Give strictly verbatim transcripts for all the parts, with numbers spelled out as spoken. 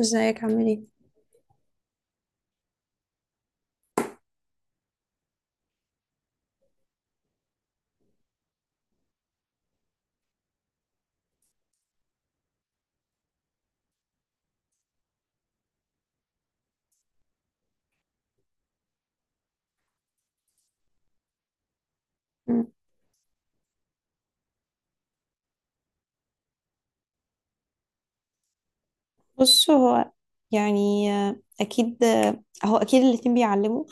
ازيك عامل ايه؟ مم. بص، هو يعني آه، اكيد، آه، هو اكيد الاتنين بيعلموا.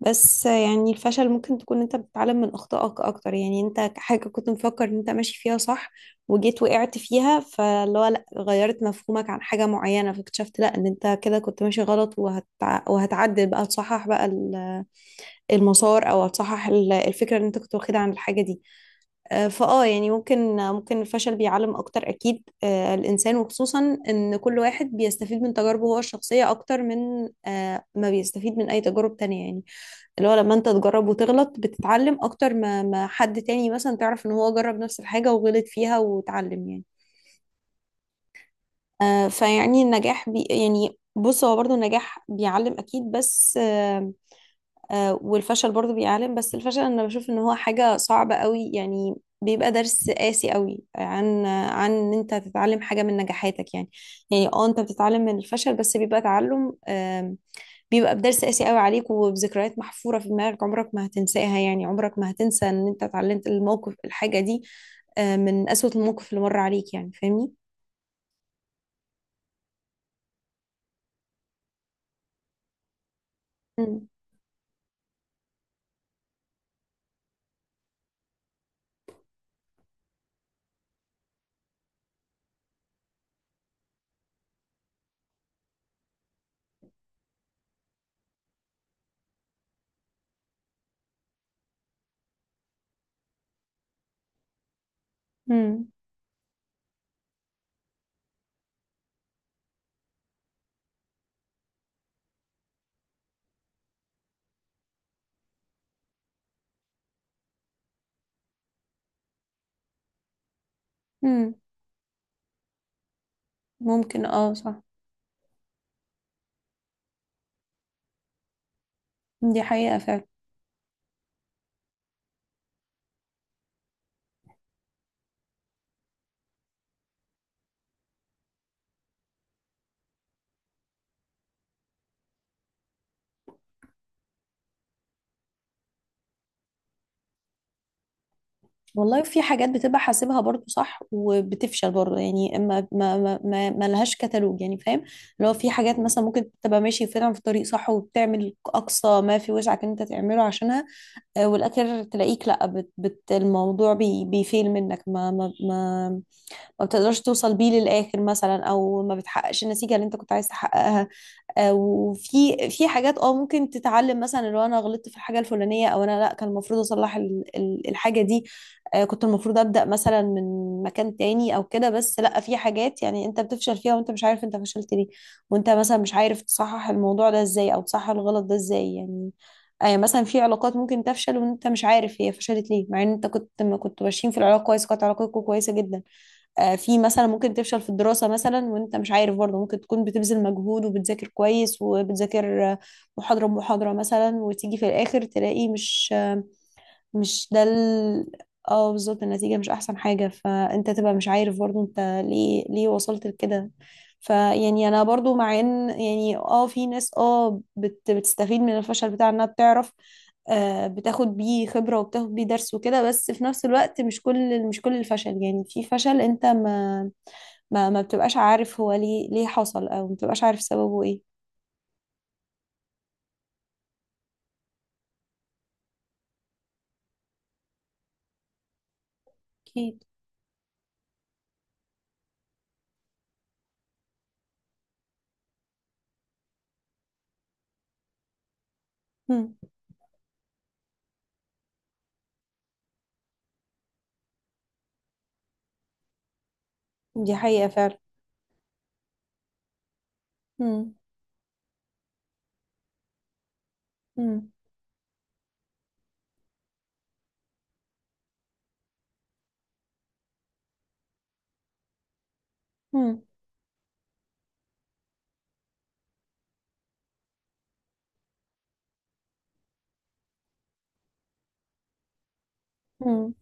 بس آه، يعني الفشل ممكن تكون انت بتتعلم من اخطائك اكتر، يعني انت حاجة كنت مفكر ان انت ماشي فيها صح وجيت وقعت فيها، فاللي هو لا، غيرت مفهومك عن حاجة معينة فاكتشفت لا ان انت كده كنت ماشي غلط، وهت... وهتعدل بقى، تصحح بقى ال- المسار، او هتصحح ال- الفكرة اللي انت كنت واخدها عن الحاجة دي. آه، فاه يعني ممكن ممكن الفشل بيعلم اكتر اكيد، آه، الانسان، وخصوصا ان كل واحد بيستفيد من تجاربه هو الشخصيه اكتر من آه، ما بيستفيد من اي تجارب تانية يعني. اللي هو لما انت تجرب وتغلط بتتعلم اكتر ما ما حد تاني مثلا تعرف ان هو جرب نفس الحاجه وغلط فيها وتعلم يعني. آه، فيعني النجاح بي يعني بص هو برضو النجاح بيعلم اكيد، بس آه، آه، والفشل برضو بيعلم، بس الفشل انا بشوف ان هو حاجة صعبة قوي يعني. بيبقى درس قاسي قوي عن عن ان انت تتعلم حاجة من نجاحاتك يعني. يعني اه انت بتتعلم من الفشل بس بيبقى تعلم، آم، بيبقى بدرس قاسي قوي عليك، وبذكريات محفورة في دماغك عمرك ما هتنساها، يعني عمرك ما هتنسى ان انت اتعلمت الموقف الحاجة دي. آه، من أسوأ الموقف اللي مر عليك، يعني فاهمني. مم. مم. مم. ممكن، اه صح. دي حقيقة فعلا. والله في حاجات بتبقى حاسبها برضو صح وبتفشل برضو، يعني ما ما ما ما ما لهاش كتالوج يعني، فاهم. لو في حاجات مثلا ممكن تبقى ماشي فعلا في طريق صح وبتعمل اقصى ما في وسعك ان انت تعمله عشانها، آه، والاخر تلاقيك لا، بت بت الموضوع بي بيفيل منك، ما ما ما ما بتقدرش توصل بيه للآخر مثلا، أو ما بتحققش النتيجة اللي أنت كنت عايز تحققها. آه، وفي في حاجات اه ممكن تتعلم، مثلا لو أنا غلطت في الحاجة الفلانية، أو أنا لأ، كان المفروض أصلح ال- ال- الحاجة دي. آه، كنت المفروض أبدأ مثلا من مكان تاني أو كده، بس لأ، في حاجات يعني أنت بتفشل فيها وأنت مش عارف أنت فشلت ليه. وأنت مثلا مش عارف تصحح الموضوع ده إزاي، أو تصحح الغلط ده إزاي يعني. آه، يعني مثلا في علاقات ممكن تفشل وانت مش عارف هي فشلت ليه، مع ان انت كنت ما كنت ماشيين في العلاقه كويس، كانت علاقتكم كويسه جدا. آه، في مثلا ممكن تفشل في الدراسة مثلا وانت مش عارف برضه، ممكن تكون بتبذل مجهود وبتذاكر كويس وبتذاكر، آه، محاضرة بمحاضرة مثلا، وتيجي في الآخر تلاقي مش مش ده ال... اه بالظبط، النتيجة مش أحسن حاجة، فأنت تبقى مش عارف برضو أنت ليه ليه وصلت لكده. فيعني أنا برضو، مع إن يعني اه في ناس اه بت... بتستفيد من الفشل، بتاع إنها بتعرف، آه بتاخد بيه خبرة وبتاخد بيه درس وكده. بس في نفس الوقت مش كل مش كل الفشل، يعني في فشل أنت ما ما, ما بتبقاش عارف هو ليه ليه حصل، أو ما بتبقاش عارف سببه إيه. أكيد. مم. دي حقيقة فعلا. مم. مم. مم. مم.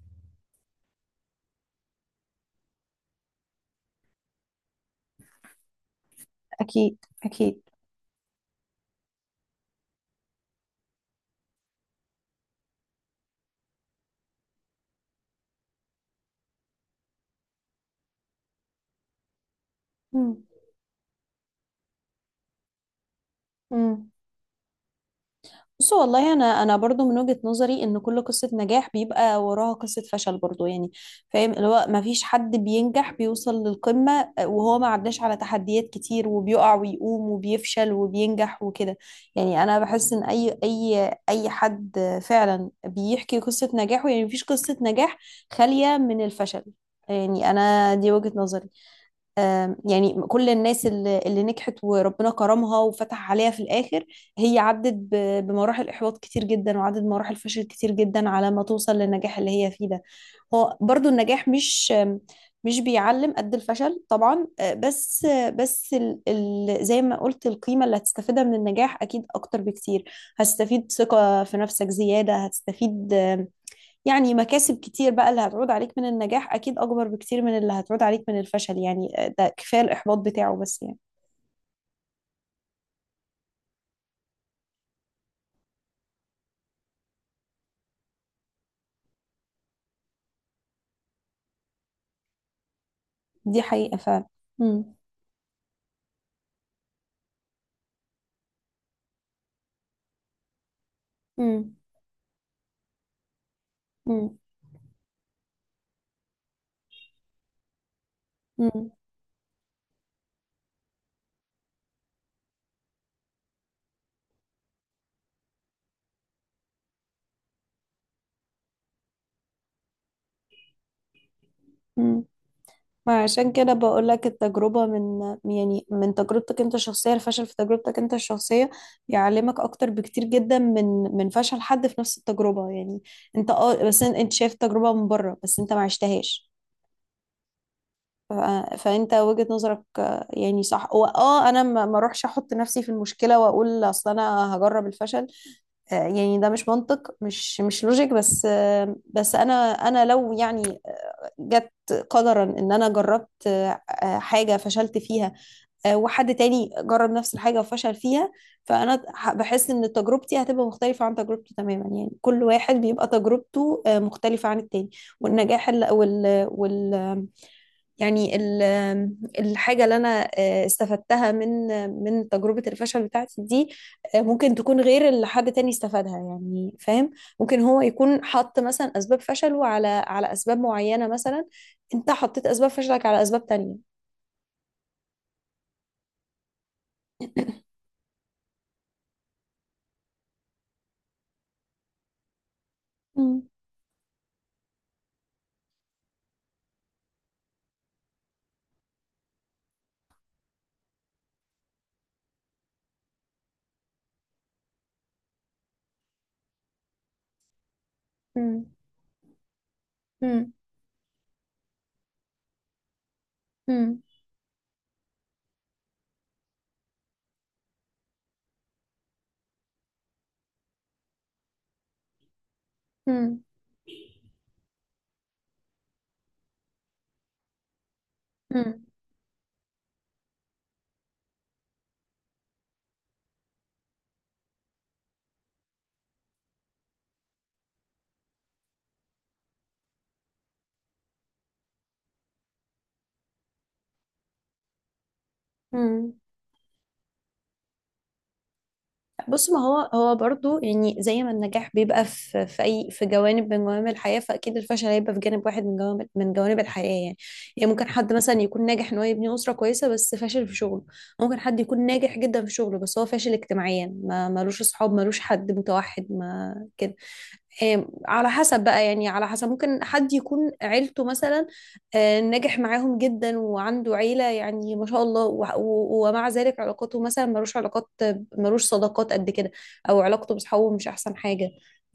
أكيد. أكيد. مم. مم. بصوا، والله انا انا برضو من وجهة نظري ان كل قصة نجاح بيبقى وراها قصة فشل برضو يعني، فاهم. اللي هو ما فيش حد بينجح بيوصل للقمة وهو ما عداش على تحديات كتير، وبيقع ويقوم وبيفشل وبينجح وكده. يعني انا بحس ان اي اي اي حد فعلا بيحكي قصة نجاحه، يعني مفيش قصة نجاح خالية من الفشل، يعني انا دي وجهة نظري. آم، يعني كل الناس اللي اللي نجحت وربنا كرمها وفتح عليها في الآخر، هي عدت ب- بمراحل إحباط كتير جدا، وعدت بمراحل فشل كتير جدا على ما توصل للنجاح اللي هي فيه ده. هو برضو النجاح مش، آم، مش بيعلم قد الفشل طبعا، آه، بس آه، بس ال ال زي ما قلت، القيمة اللي هتستفيدها من النجاح أكيد أكتر بكتير. هتستفيد ثقة في نفسك زيادة، هتستفيد، آه، يعني مكاسب كتير بقى اللي هتعود عليك من النجاح، أكيد أكبر بكتير من اللي هتعود عليك من الفشل يعني. آه، ده كفاية الإحباط بتاعه بس يعني. دي حقيقة فعلا. مم. مم. مم. مم. مم. ما عشان كده بقول لك، التجربة من، يعني من تجربتك أنت الشخصية، الفشل في تجربتك أنت الشخصية بيعلمك أكتر بكتير جدا من، من فشل حد في نفس التجربة يعني. أنت أه، بس أنت شايف التجربة من بره، بس أنت ما عشتهاش. ف- فانت وجهة نظرك آه، يعني صح، واه انا ما ما اروحش احط نفسي في المشكلة واقول اصل انا هجرب الفشل. آه، يعني ده مش منطق، مش مش لوجيك. بس آه، بس انا انا لو يعني جت قدرا ان انا جربت، آه، آه، حاجه فشلت فيها، آه، وحد تاني جرب نفس الحاجه وفشل فيها، فانا ح- بحس ان تجربتي هتبقى مختلفه عن تجربته تماما. يعني كل واحد بيبقى تجربته آه، مختلفه عن التاني. والنجاح ال- وال وال يعني ال- الحاجة اللي أنا آه، استفدتها من، من تجربة الفشل بتاعتي دي، آه، ممكن تكون غير اللي حد تاني استفادها، يعني فاهم. ممكن هو يكون حط مثلا أسباب فشله على على أسباب معينة مثلا، أنت حطيت أسباب فشلك على أسباب تانية. مم. مم. مم. مم. مم. مم. بص، ما هو هو برضو يعني زي ما النجاح بيبقى في في اي في جوانب من جوانب الحياه، فاكيد الفشل هيبقى في جانب واحد من جوانب من جوانب الحياه يعني. يعني ممكن حد مثلا يكون ناجح ان هو يبني اسره كويسه بس فاشل في شغله، ممكن حد يكون ناجح جدا في شغله بس هو فاشل اجتماعيا، ما ملوش اصحاب، ملوش حد، متوحد ما كده. آم، على حسب بقى، يعني على حسب، ممكن حد يكون عيلته مثلا، آه، ناجح معاهم جدا وعنده عيلة يعني ما شاء الله، و- و- ومع ذلك علاقاته مثلا ملوش علاقات، ملوش صداقات قد كده، أو علاقته بأصحابه مش أحسن حاجة،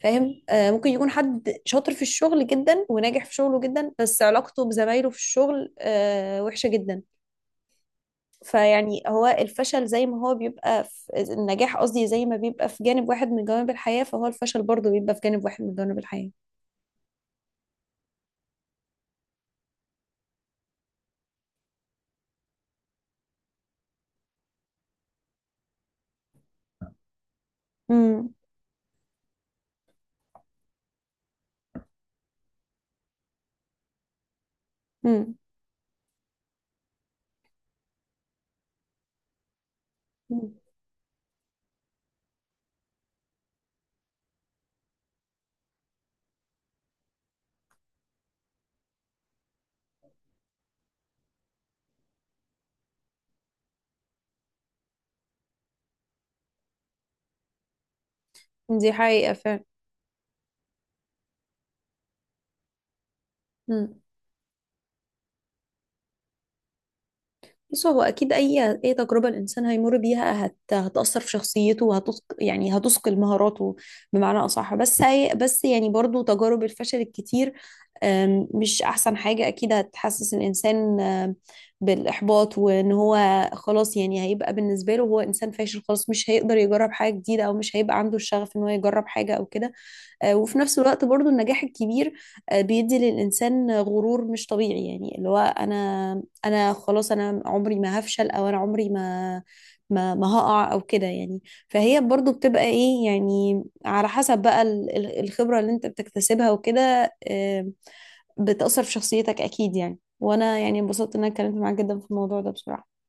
فاهم. آه، ممكن يكون حد شاطر في الشغل جدا وناجح في شغله جدا، بس علاقته بزمايله في الشغل آه، وحشة جدا. فيعني هو الفشل زي ما هو بيبقى في النجاح، قصدي زي ما بيبقى في جانب واحد من جوانب الحياة، فهو الفشل برضه بيبقى في جانب واحد من جوانب الحياة. امم. امم. دي حقيقة فعلا. امم. بص، هو أكيد أي أي تجربة الإنسان هيمر بيها هت... هتأثر في شخصيته، وهتثق يعني هتثقل مهاراته بمعنى أصح. بس هي... بس يعني برضو تجارب الفشل الكتير، أم، مش أحسن حاجة أكيد، هتحسس الإنسان أم، بالإحباط، وإن هو خلاص يعني هيبقى بالنسبة له هو إنسان فاشل خلاص، مش هيقدر يجرب حاجة جديدة، أو مش هيبقى عنده الشغف إن هو يجرب حاجة أو كده. آه، وفي نفس الوقت برضو النجاح الكبير آه، بيدي للإنسان غرور مش طبيعي، يعني اللي هو أنا أنا خلاص، أنا عمري ما هفشل، أو أنا عمري ما ما ما هقع أو كده يعني. فهي برضو بتبقى إيه، يعني على حسب بقى ال- ال- الخبرة اللي أنت بتكتسبها وكده، آه، بتأثر في شخصيتك أكيد يعني. وأنا يعني انبسطت إن أنا اتكلمت معاك جدا في الموضوع ده بصراحة.